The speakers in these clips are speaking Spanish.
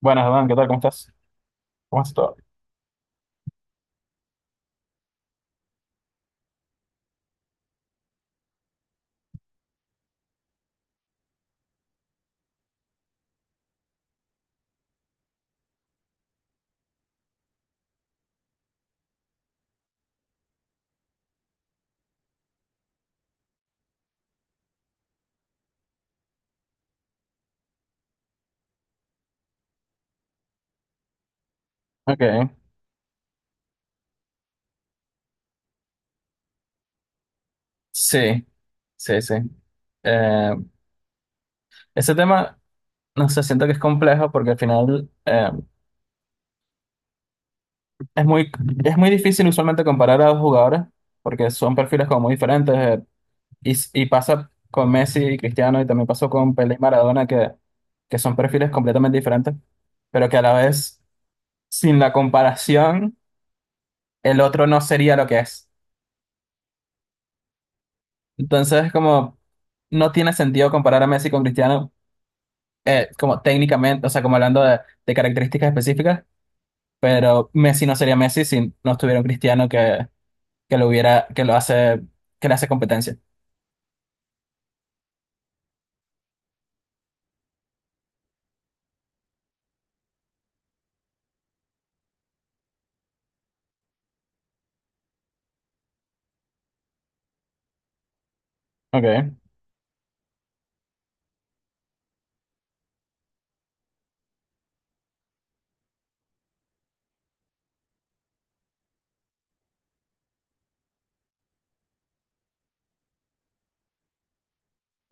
Buenas, Adán, ¿qué tal? ¿Cómo estás? ¿Cómo estás todo? Ok, sí, sí, sí. Eh, Ese tema, no sé, siento que es complejo porque al final es muy, es muy difícil usualmente comparar a dos jugadores porque son perfiles como muy diferentes y pasa con Messi y Cristiano, y también pasó con Pelé y Maradona, que son perfiles completamente diferentes, pero que a la vez, sin la comparación, el otro no sería lo que es. Entonces, como no tiene sentido comparar a Messi con Cristiano como técnicamente, o sea, como hablando de características específicas, pero Messi no sería Messi si no estuviera un Cristiano que lo hubiera, que lo hace, que le hace competencia. Okay,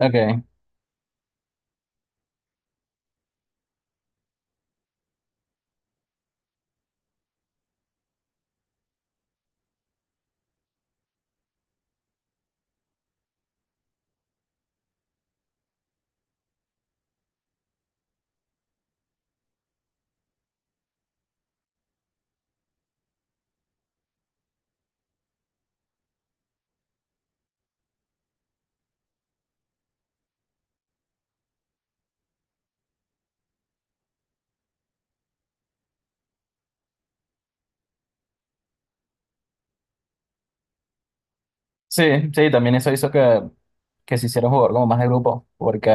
okay. Sí, sí, también eso hizo que se hiciera un jugador como más de grupo, porque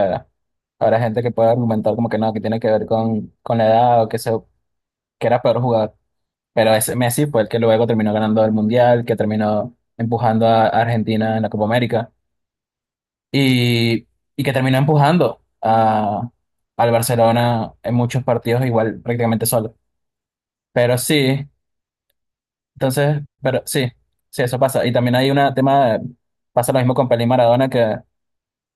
habrá gente que puede argumentar como que no, que tiene que ver con la edad o que, se, que era peor jugar. Pero ese Messi fue el que luego terminó ganando el Mundial, que terminó empujando a Argentina en la Copa América, y, y que terminó empujando a, al Barcelona en muchos partidos igual prácticamente solo. Pero sí, entonces, pero sí, sí, eso pasa. Y también hay un tema, pasa lo mismo con Pelé y Maradona, que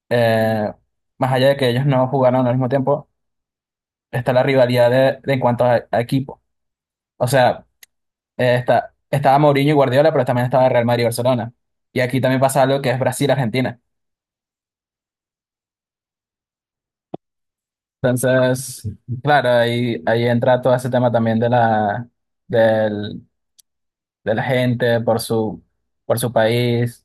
eh, más allá de que ellos no jugaron al mismo tiempo, está la rivalidad de en cuanto a equipo. O sea, está, estaba Mourinho y Guardiola, pero también estaba Real Madrid y Barcelona. Y aquí también pasa algo que es Brasil-Argentina. Entonces, claro, ahí, ahí entra todo ese tema también de la, del, de la gente por su país.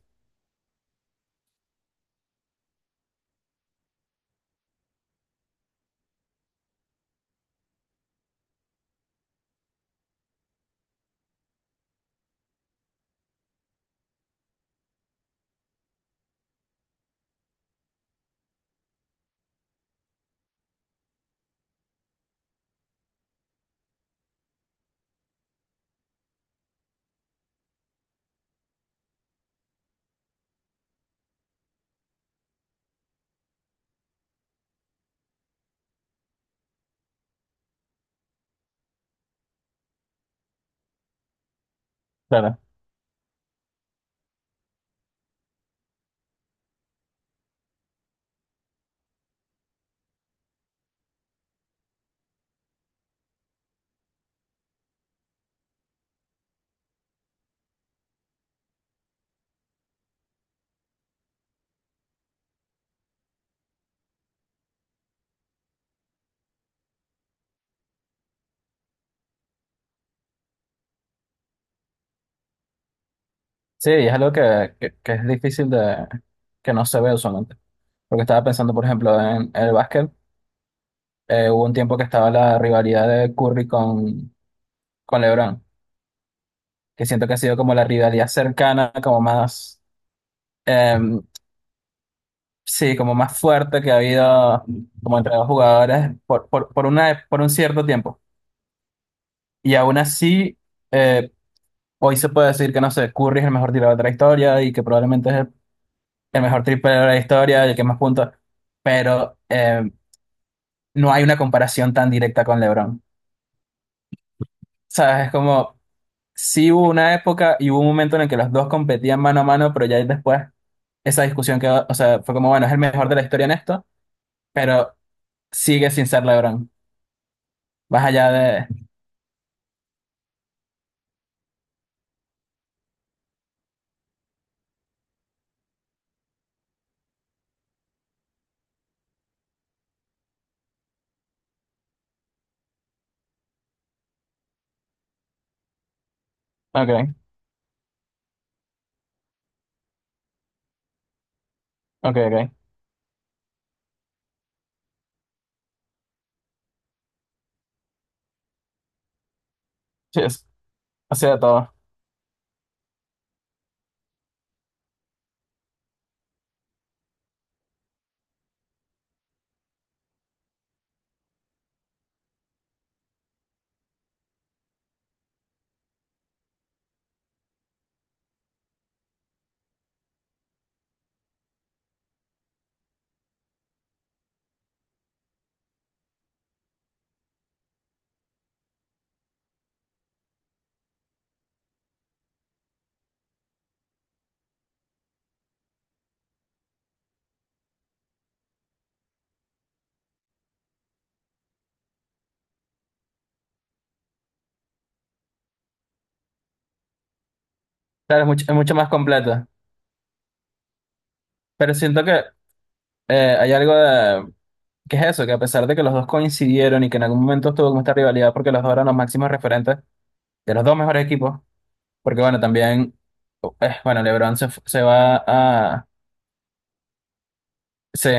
Claro. Sí, es algo que es difícil de, que no se ve usualmente. Porque estaba pensando, por ejemplo, en el básquet. Hubo un tiempo que estaba la rivalidad de Curry con LeBron, que siento que ha sido como la rivalidad cercana, como más, em, sí, como más fuerte que ha habido como entre dos jugadores por una, por un cierto tiempo. Y aún así, eh, hoy se puede decir que, no sé, Curry es el mejor tirador de la historia y que probablemente es el mejor triple de la historia y el que más puntos, pero no hay una comparación tan directa con LeBron. ¿Sabes? Es como, sí hubo una época y hubo un momento en el que los dos competían mano a mano, pero ya después esa discusión quedó, o sea, fue como, bueno, es el mejor de la historia en esto, pero sigue sin ser LeBron. Más allá de... Ok, ok, ok. Sí, o sea, todo. Claro, es mucho más completo, pero siento que hay algo de, que es eso, que a pesar de que los dos coincidieron y que en algún momento estuvo como esta rivalidad porque los dos eran los máximos referentes de los dos mejores equipos, porque bueno, también, bueno, LeBron se, se va a, sí,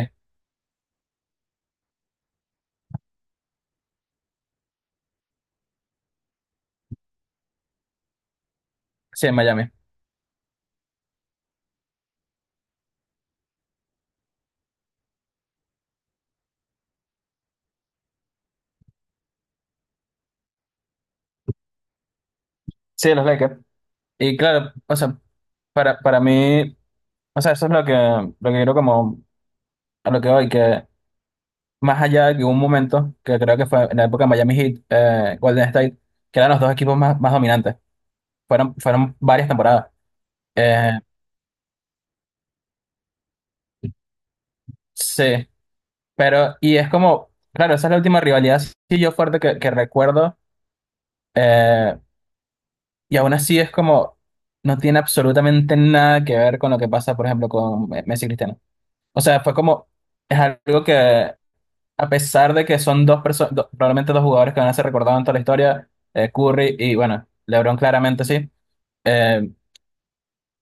sí, en Miami, sí, los Lakers. Y claro, o sea, para mí, o sea, eso es lo que quiero como, a lo que voy, que más allá de que hubo un momento, que creo que fue en la época de Miami Heat, Golden State, que eran los dos equipos más, más dominantes, fueron, fueron varias temporadas. Eh, sí, pero, y es como, claro, esa es la última rivalidad sí yo fuerte que recuerdo. eh, y aún así es como, no tiene absolutamente nada que ver con lo que pasa, por ejemplo, con Messi y Cristiano. O sea, fue como, es algo que, a pesar de que son dos personas, probablemente dos jugadores que van a ser recordados en toda la historia, Curry y, bueno, LeBron claramente sí. eh,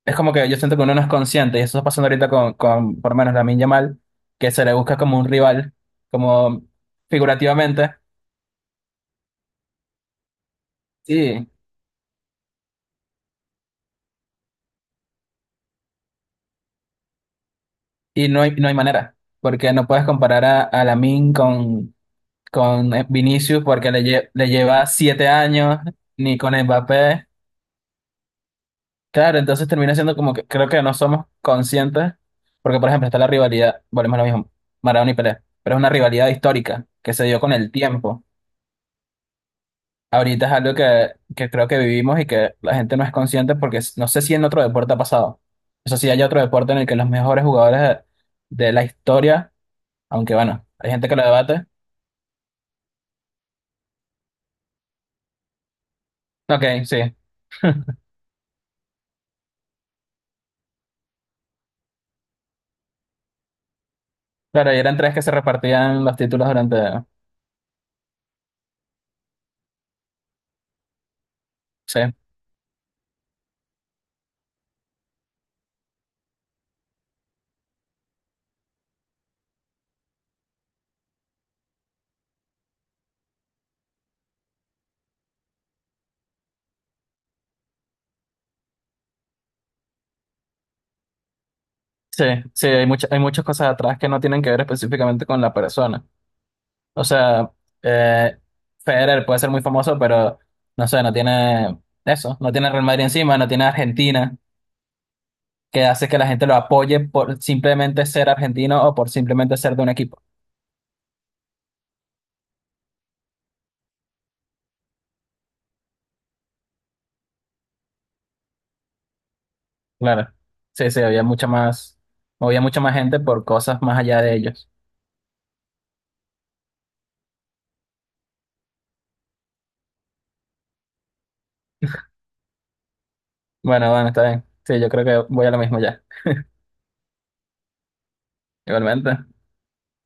es como que yo siento que uno no es consciente, y eso está pasando ahorita con por lo menos Lamine Yamal, que se le busca como un rival, como figurativamente. Sí, y no hay, no hay manera, porque no puedes comparar a Lamine con Vinicius porque le, le lleva 7 años, ni con Mbappé. Claro, entonces termina siendo como que creo que no somos conscientes, porque por ejemplo está la rivalidad, volvemos a lo mismo, Maradona y Pelé, pero es una rivalidad histórica que se dio con el tiempo. Ahorita es algo que creo que vivimos y que la gente no es consciente porque no sé si en otro deporte ha pasado. Eso sí, hay otro deporte en el que los mejores jugadores de la historia, aunque bueno, hay gente que lo debate. Ok, sí. Claro, y eran tres que se repartían los títulos durante... Sí, sí, sí, hay muchas cosas atrás que no tienen que ver específicamente con la persona. O sea, eh, Federer puede ser muy famoso, pero no sé, no tiene eso, no tiene Real Madrid encima, no tiene Argentina, que hace que la gente lo apoye por simplemente ser argentino o por simplemente ser de un equipo. Claro, sí, sí, había mucha más gente por cosas más allá de ellos. Bueno, bueno, está bien. Sí, yo creo que voy a lo mismo ya, igualmente.